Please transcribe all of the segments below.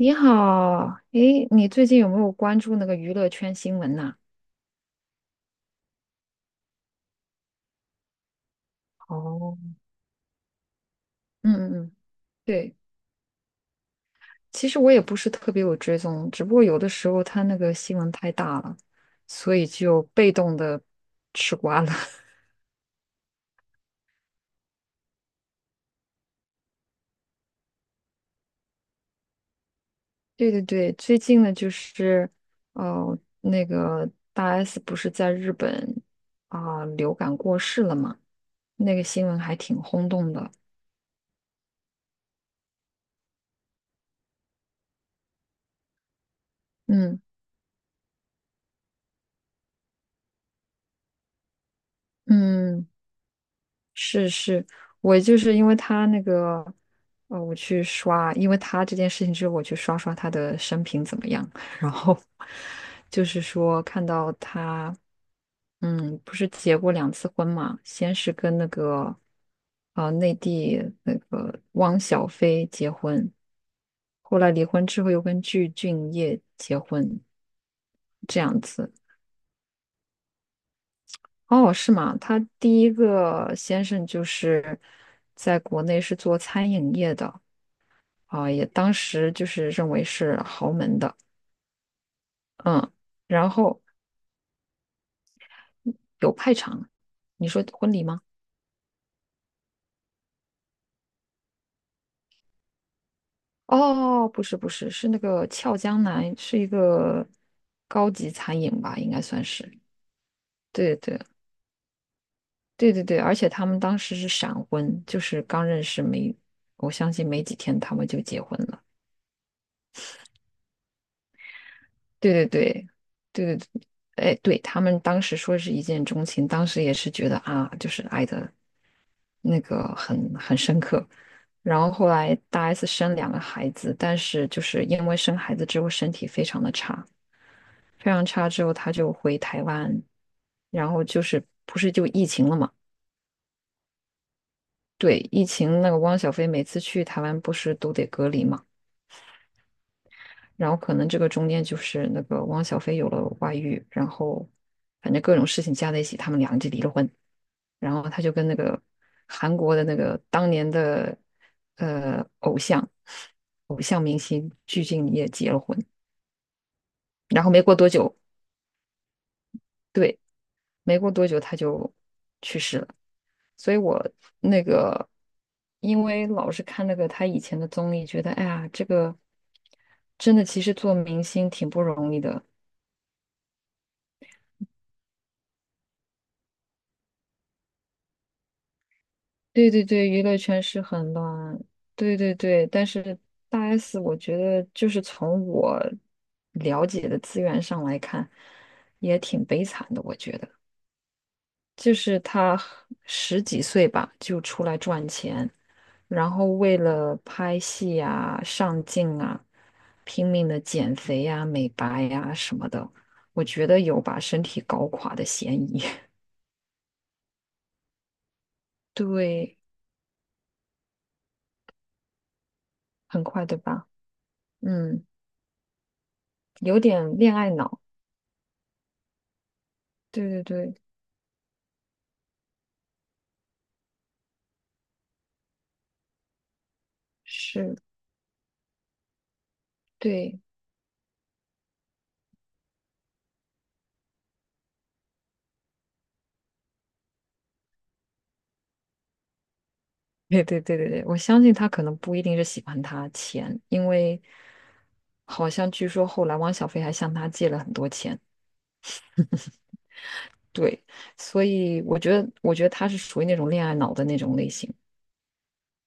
你好，诶，你最近有没有关注那个娱乐圈新闻呐、哦，嗯嗯嗯，对，其实我也不是特别有追踪，只不过有的时候他那个新闻太大了，所以就被动的吃瓜了。对对对，最近呢就是，哦、那个大 S 不是在日本流感过世了嘛，那个新闻还挺轰动的。嗯嗯。是是，我就是因为他那个，我去刷，因为他这件事情之后，我去刷刷他的生平怎么样，然后就是说看到他，嗯，不是结过两次婚嘛，先是跟那个，内地那个汪小菲结婚，后来离婚之后又跟具俊晔结婚，这样子。哦，是吗？他第一个先生就是在国内是做餐饮业的啊，也当时就是认为是豪门的，嗯，然后有派场。你说婚礼吗？哦，不是不是，是那个俏江南，是一个高级餐饮吧，应该算是。对对对对对，而且他们当时是闪婚，就是刚认识没，我相信没几天他们就结婚了。对对对，对对对，哎，对，他们当时说是一见钟情，当时也是觉得啊，就是爱的那个很深刻。然后后来大 S 生两个孩子，但是就是因为生孩子之后身体非常的差，非常差之后他就回台湾，然后就是不是就疫情了嘛？对，疫情那个汪小菲每次去台湾不是都得隔离嘛？然后可能这个中间就是那个汪小菲有了外遇，然后反正各种事情加在一起，他们俩就离了婚。然后他就跟那个韩国的那个当年的偶像明星鞠婧祎也结了婚。然后没过多久，对，没过多久他就去世了。所以我那个，因为老是看那个他以前的综艺，觉得哎呀，这个真的其实做明星挺不容易的。对对对，娱乐圈是很乱，对对对，但是大 S，我觉得就是从我了解的资源上来看，也挺悲惨的。我觉得，就是她十几岁吧就出来赚钱，然后为了拍戏啊、上镜啊，拼命的减肥呀、美白呀、什么的，我觉得有把身体搞垮的嫌疑。对，很快，对吧？嗯，有点恋爱脑。对对对，是，对，对对对对对，我相信他可能不一定是喜欢他钱，因为好像据说后来汪小菲还向他借了很多钱，对，所以我觉得，我觉得他是属于那种恋爱脑的那种类型，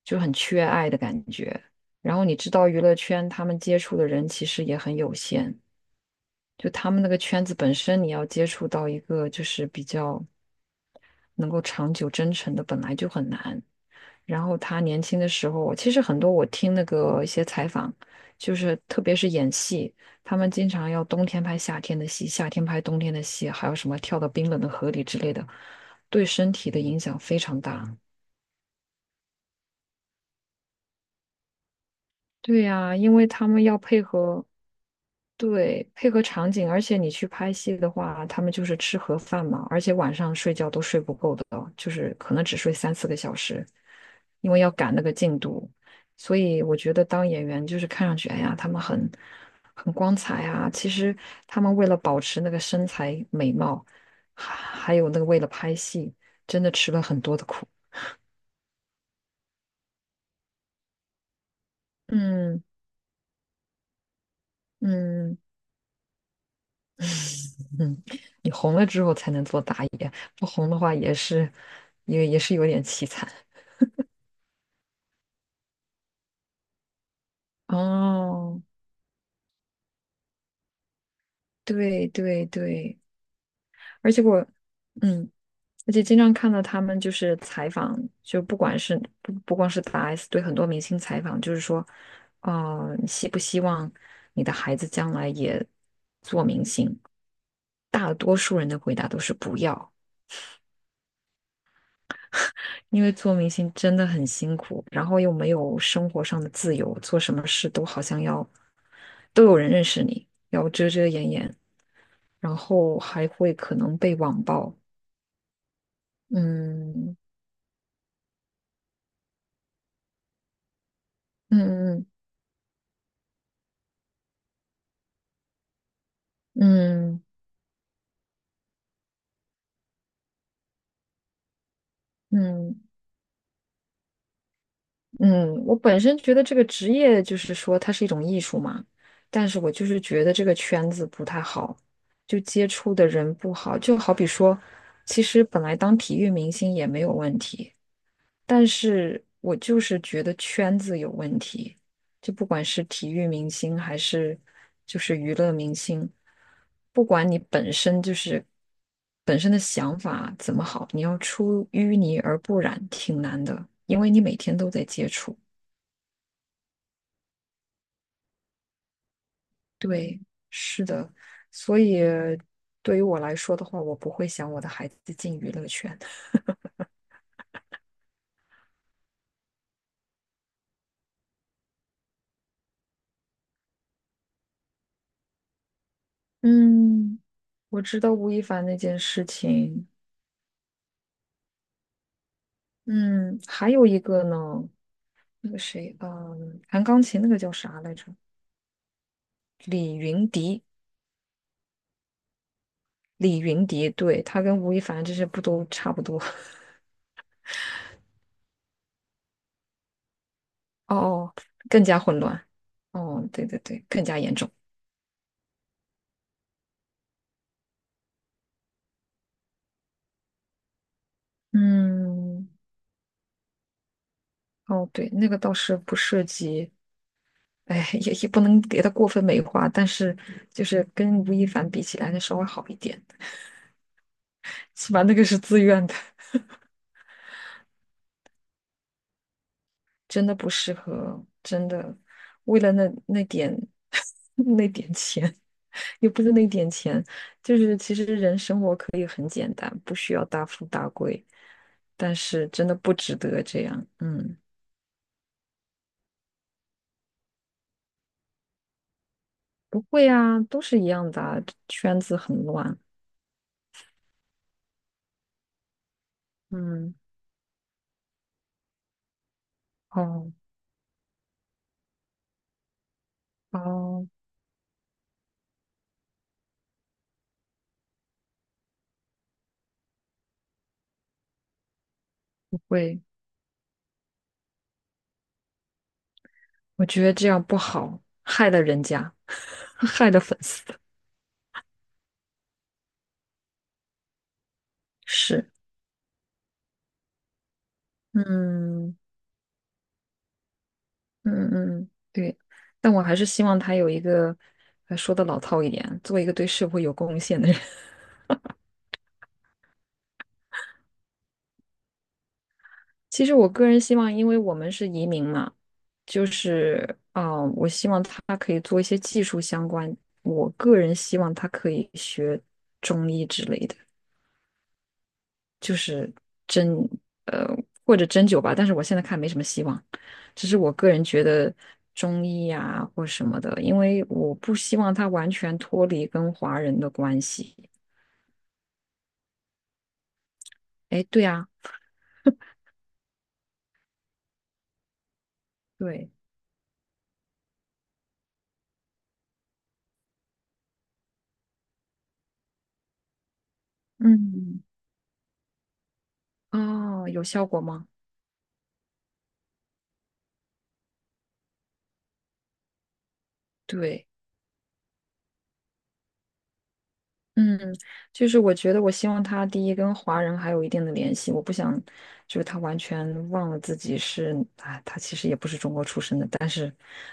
就很缺爱的感觉。然后你知道娱乐圈他们接触的人其实也很有限，就他们那个圈子本身，你要接触到一个就是比较能够长久真诚的，本来就很难。然后他年轻的时候，其实很多我听那个一些采访，就是特别是演戏，他们经常要冬天拍夏天的戏，夏天拍冬天的戏，还有什么跳到冰冷的河里之类的，对身体的影响非常大。对呀，因为他们要配合，对，配合场景，而且你去拍戏的话，他们就是吃盒饭嘛，而且晚上睡觉都睡不够的，就是可能只睡3、4个小时，因为要赶那个进度。所以我觉得当演员就是看上去，哎呀，他们很光彩啊，其实他们为了保持那个身材美貌，还有那个为了拍戏，真的吃了很多的苦。嗯嗯。嗯，你红了之后才能做打野，不红的话也是，也是有点凄惨。哦，对对对，而且我，嗯，而且经常看到他们就是采访，就不管是不光是大 S 对很多明星采访，就是说，哦、你希不希望你的孩子将来也做明星？大多数人的回答都是不要，因为做明星真的很辛苦，然后又没有生活上的自由，做什么事都好像要都有人认识你，要遮遮掩掩，然后还会可能被网暴。嗯嗯嗯嗯嗯，嗯，我本身觉得这个职业就是说它是一种艺术嘛，但是我就是觉得这个圈子不太好，就接触的人不好，就好比说，其实本来当体育明星也没有问题。但是我就是觉得圈子有问题，就不管是体育明星还是就是娱乐明星，不管你本身就是本身的想法怎么好，你要出淤泥而不染挺难的，因为你每天都在接触。对，是的，所以对于我来说的话，我不会想我的孩子进娱乐圈。嗯，我知道吴亦凡那件事情。嗯，还有一个呢，那个谁，嗯，弹钢琴那个叫啥来着？李云迪，对，他跟吴亦凡这些不都差不多？哦哦，更加混乱。哦，对对对，更加严重。嗯，哦对，那个倒是不涉及，哎，也不能给他过分美化，但是就是跟吴亦凡比起来，那稍微好一点，起码那个是自愿的。真的不适合，真的为了那点 那点钱，又不是那点钱，就是其实人生活可以很简单，不需要大富大贵，但是真的不值得这样。嗯，不会啊，都是一样的啊圈子很乱。嗯，哦哦，不会，我觉得这样不好，害了人家，害了粉丝。是，嗯。嗯嗯嗯，对，但我还是希望他有一个，说的老套一点，做一个对社会有贡献的人。其实我个人希望，因为我们是移民嘛，就是我希望他可以做一些技术相关。我个人希望他可以学中医之类的，就是针，呃，或者针灸吧。但是我现在看没什么希望，只是我个人觉得中医呀、或什么的，因为我不希望他完全脱离跟华人的关系。哎，对啊，对，嗯，哦，有效果吗？对。嗯，就是我觉得，我希望他第一跟华人还有一定的联系，我不想就是他完全忘了自己是，啊，他其实也不是中国出生的，但是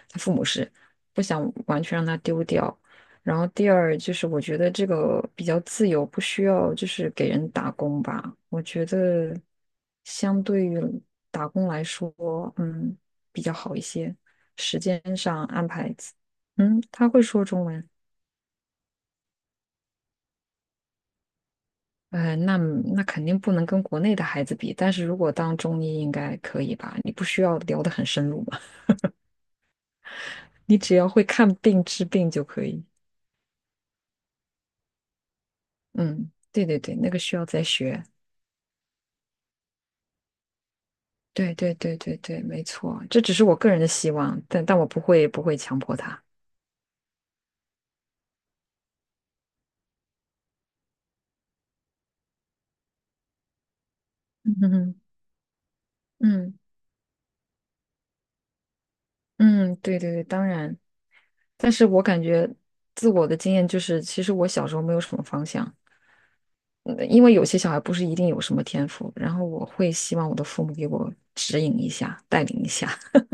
他父母是，不想完全让他丢掉。然后第二就是我觉得这个比较自由，不需要就是给人打工吧。我觉得相对于打工来说，嗯，比较好一些，时间上安排，嗯，他会说中文。呃，那那肯定不能跟国内的孩子比，但是如果当中医应该可以吧？你不需要聊得很深入嘛，你只要会看病治病就可以。嗯，对对对，那个需要再学。对对对对对，没错，这只是我个人的希望，但我不会强迫他。嗯哼哼嗯嗯，对对对，当然，但是我感觉自我的经验就是，其实我小时候没有什么方向，因为有些小孩不是一定有什么天赋，然后我会希望我的父母给我指引一下，带领一下。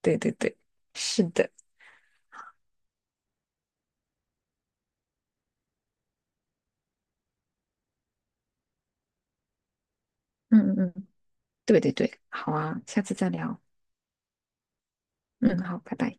对对对，是的，嗯嗯嗯，对对对，好啊，下次再聊。嗯，好，拜拜。